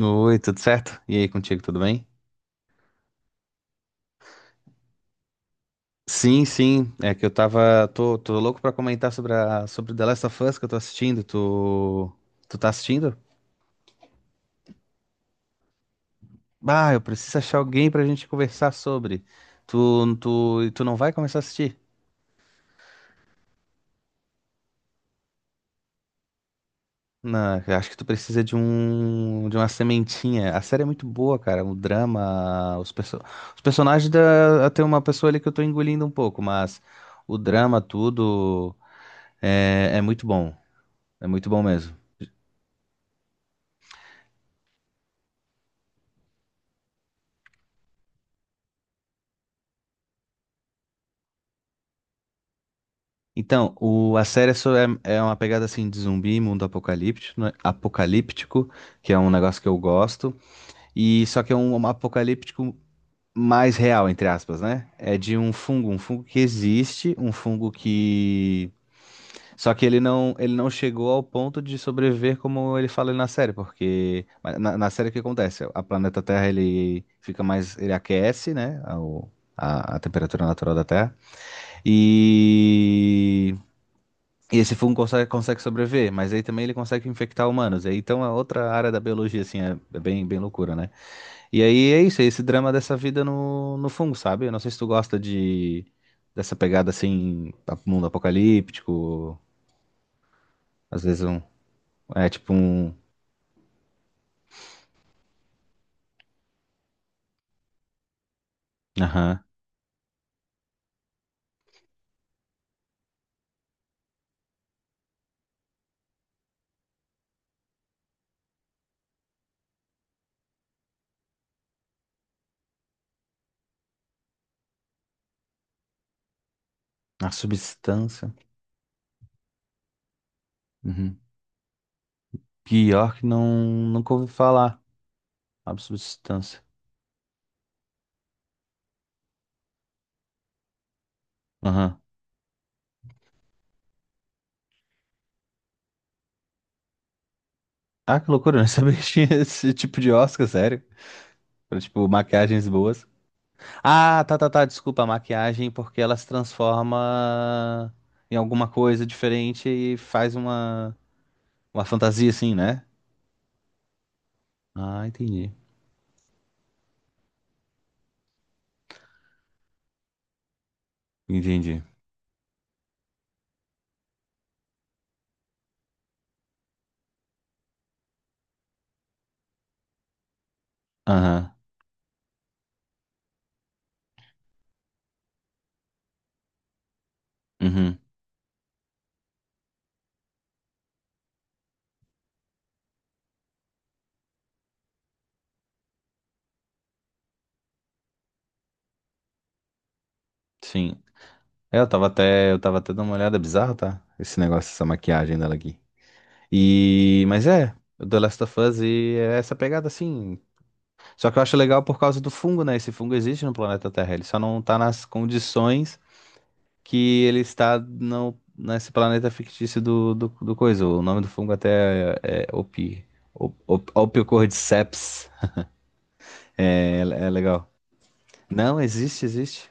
Oi, tudo certo? E aí, contigo, tudo bem? Sim, sim, é que eu tô louco pra comentar sobre The Last of Us que eu tô assistindo, tu tá assistindo? Ah, eu preciso achar alguém pra gente conversar e tu não vai começar a assistir? Não, eu acho que tu precisa de uma sementinha, a série é muito boa, cara, o drama, os personagens, tem uma pessoa ali que eu tô engolindo um pouco, mas o drama, tudo, é muito bom, é muito bom mesmo. Então, a série é uma pegada assim de zumbi, mundo apocalíptico, né? Que é um negócio que eu gosto, e só que é um apocalíptico mais real, entre aspas, né? É de um fungo que existe, um fungo que só que ele não chegou ao ponto de sobreviver como ele fala na série, porque mas na série o que acontece? A planeta Terra ele fica mais, ele aquece, né? A, o- a a temperatura natural da Terra. E e esse fungo consegue sobreviver, mas aí também ele consegue infectar humanos. E aí, então é outra área da biologia, assim, é bem, bem loucura, né? E aí é isso, é esse drama dessa vida no fungo, sabe? Eu não sei se tu gosta de dessa pegada assim, mundo apocalíptico, às vezes um. É tipo um. Aham. A substância. Uhum. Pior que não, nunca ouvi falar. A substância. Aham. Ah, que loucura, eu não sabia que tinha esse tipo de Oscar, sério. Pra, tipo, maquiagens boas. Ah, tá, tá, tá. Desculpa a maquiagem, porque ela se transforma em alguma coisa diferente e faz uma fantasia assim, né? Ah, entendi. Entendi. Aham. Uhum. Sim. É, eu tava até dando uma olhada é bizarro, tá? Esse negócio, essa maquiagem dela aqui. Mas é, o The Last of Us é essa pegada assim. Só que eu acho legal por causa do fungo, né? Esse fungo existe no planeta Terra, ele só não tá nas condições que ele está no, nesse planeta fictício do coisa. O nome do fungo até é Opi. Opiocordyceps. É, é legal. Não, existe, existe.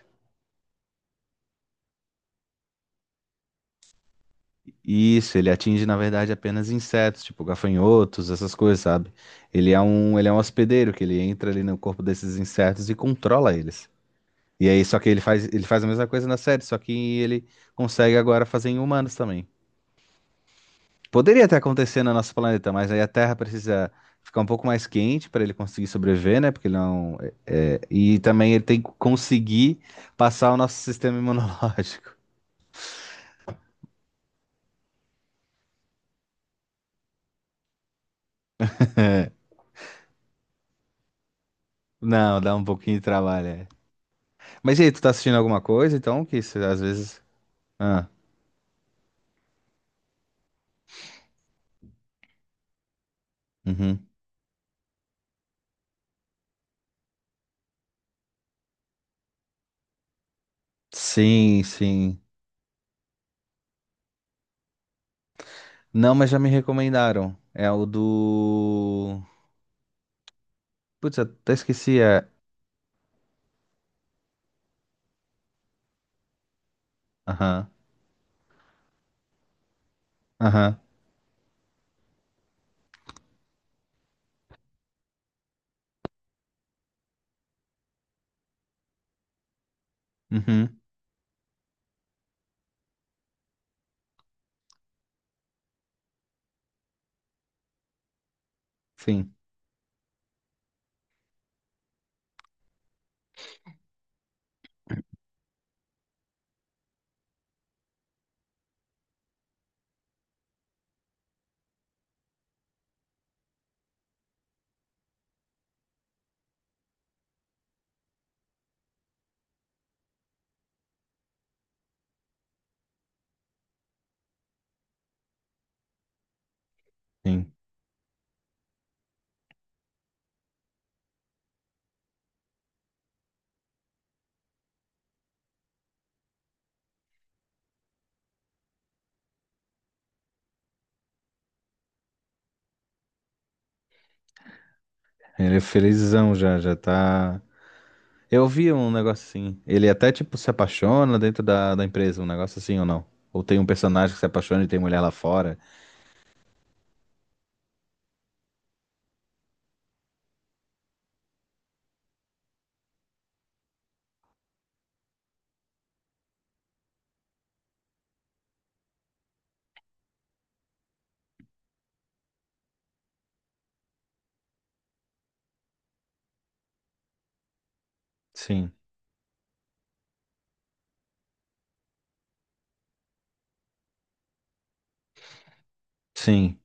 Isso, ele atinge, na verdade, apenas insetos, tipo gafanhotos, essas coisas, sabe? Ele é um hospedeiro, que ele entra ali no corpo desses insetos e controla eles. E aí, só que ele faz a mesma coisa na série, só que ele consegue agora fazer em humanos também. Poderia até acontecer no nosso planeta, mas aí a Terra precisa ficar um pouco mais quente para ele conseguir sobreviver, né? Porque ele não. E também ele tem que conseguir passar o nosso sistema imunológico. Não, dá um pouquinho de trabalho, é. Mas e aí, tu tá assistindo alguma coisa, então? Que isso, às vezes. Ah, uhum. Sim, sim. Não, mas já me recomendaram. É o do. Putz, eu até esqueci. É. Aham, aham. Uhum. Sim, sim. Ele é felizão já, já tá. Eu vi um negócio assim. Ele até, tipo, se apaixona dentro da empresa, um negócio assim ou não? Ou tem um personagem que se apaixona e tem mulher lá fora? Sim, sim.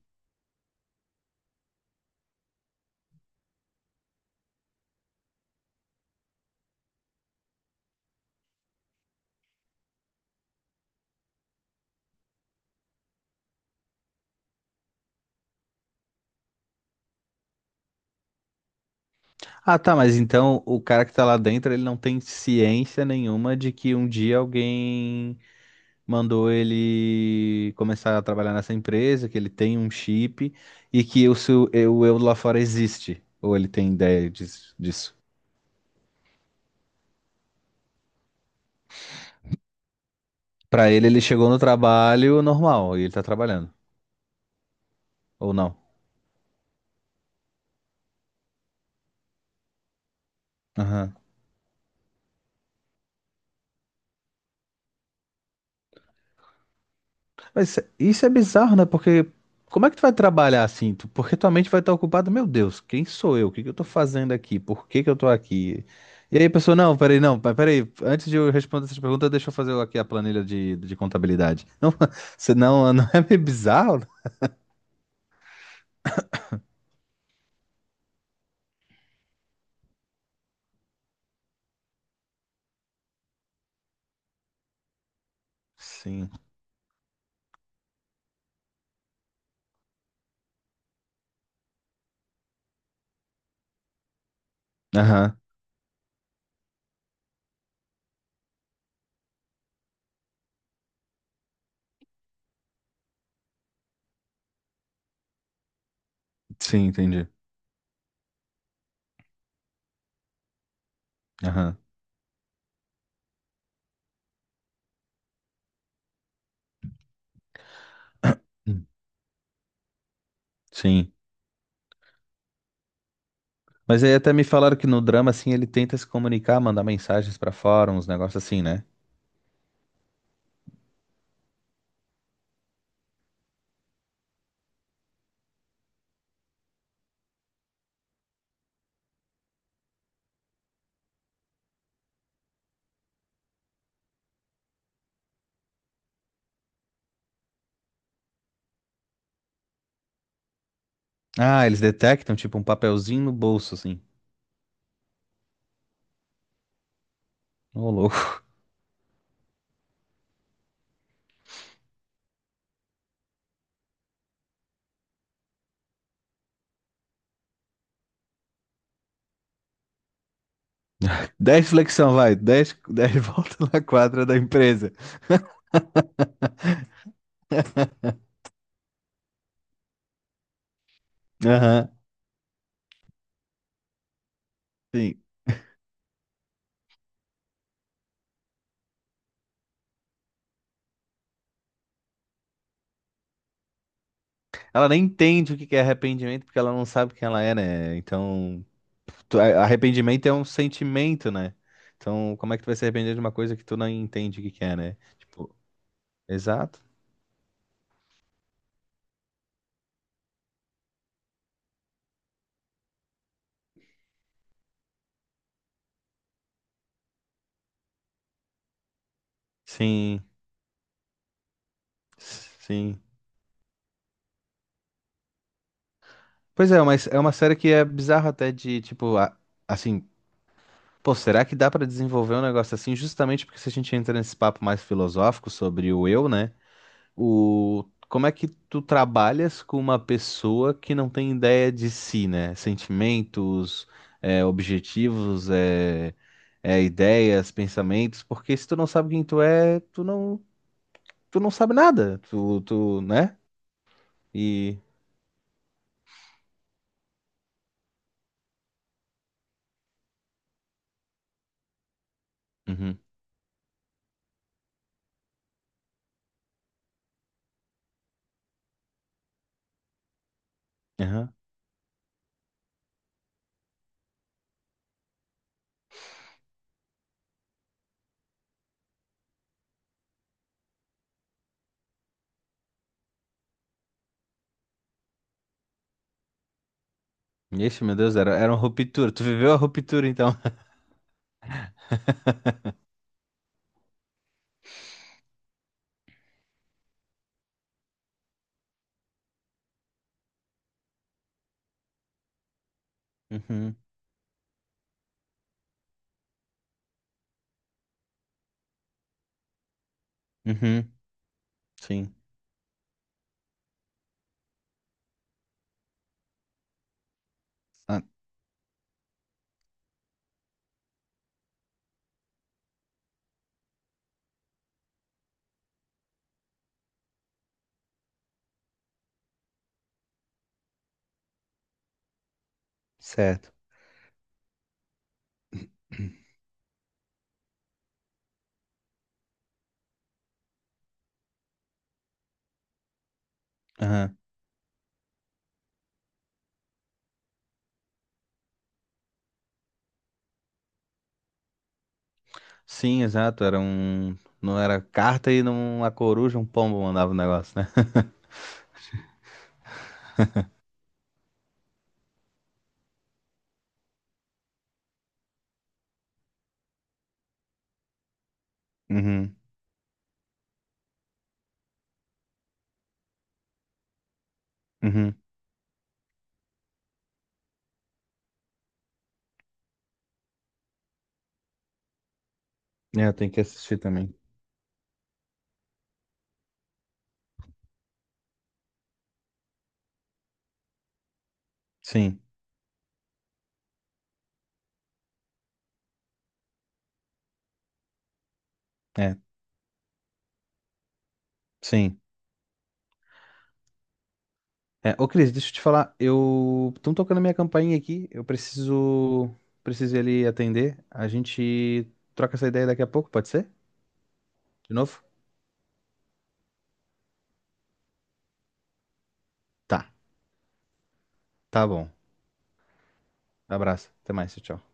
Ah, tá, mas então o cara que tá lá dentro, ele não tem ciência nenhuma de que um dia alguém mandou ele começar a trabalhar nessa empresa, que ele tem um chip e que o eu lá fora existe. Ou ele tem ideia disso. Pra ele, ele chegou no trabalho normal e ele tá trabalhando. Ou não? Aham. Mas isso é bizarro, né? Porque como é que tu vai trabalhar assim? Porque tua mente vai estar ocupada, meu Deus, quem sou eu? O que que eu tô fazendo aqui? Por que que eu tô aqui? E aí, a pessoa, não, peraí, não, peraí, antes de eu responder essas perguntas, deixa eu fazer aqui a planilha de contabilidade. Não, senão não é meio bizarro? Sim. Aham. Sim, entendi. Aham. Hum. Sim. Mas aí até me falaram que no drama, assim, ele tenta se comunicar, mandar mensagens pra fora, uns negócios assim, né? Ah, eles detectam, tipo, um papelzinho no bolso, assim. Ô, louco. 10 flexão, vai. 10 10 volta na quadra da empresa. Aham, sim. Ela nem entende o que que é arrependimento, porque ela não sabe quem ela é, né? Então, arrependimento é um sentimento, né? Então, como é que tu vai se arrepender de uma coisa que tu não entende o que que é, né? Tipo, exato? Sim, sim. Pois é, mas é uma série que é bizarra até de, tipo, assim, pô, será que dá pra desenvolver um negócio assim justamente porque se a gente entra nesse papo mais filosófico sobre o eu, né? Como é que tu trabalhas com uma pessoa que não tem ideia de si, né? Sentimentos, objetivos, ideias, pensamentos, porque se tu não sabe quem tu é, tu não sabe nada, tu, né? E, uhum, aham. Ixi, meu Deus, era uma ruptura, tu viveu a ruptura, então. Uhum, uhum, sim. Ah, certo. Aham. Sim, exato, era um. Não era carta e não uma coruja, um pombo mandava o negócio, né? Uhum, uhum. É, eu tenho que assistir também. Sim, é, sim. É, ô Cris, deixa eu te falar, eu. Estão tocando minha campainha aqui, eu preciso. Preciso ir ali atender. A gente troca essa ideia daqui a pouco, pode ser? De novo? Tá, tá bom. Abraço, até mais, tchau. Tchau.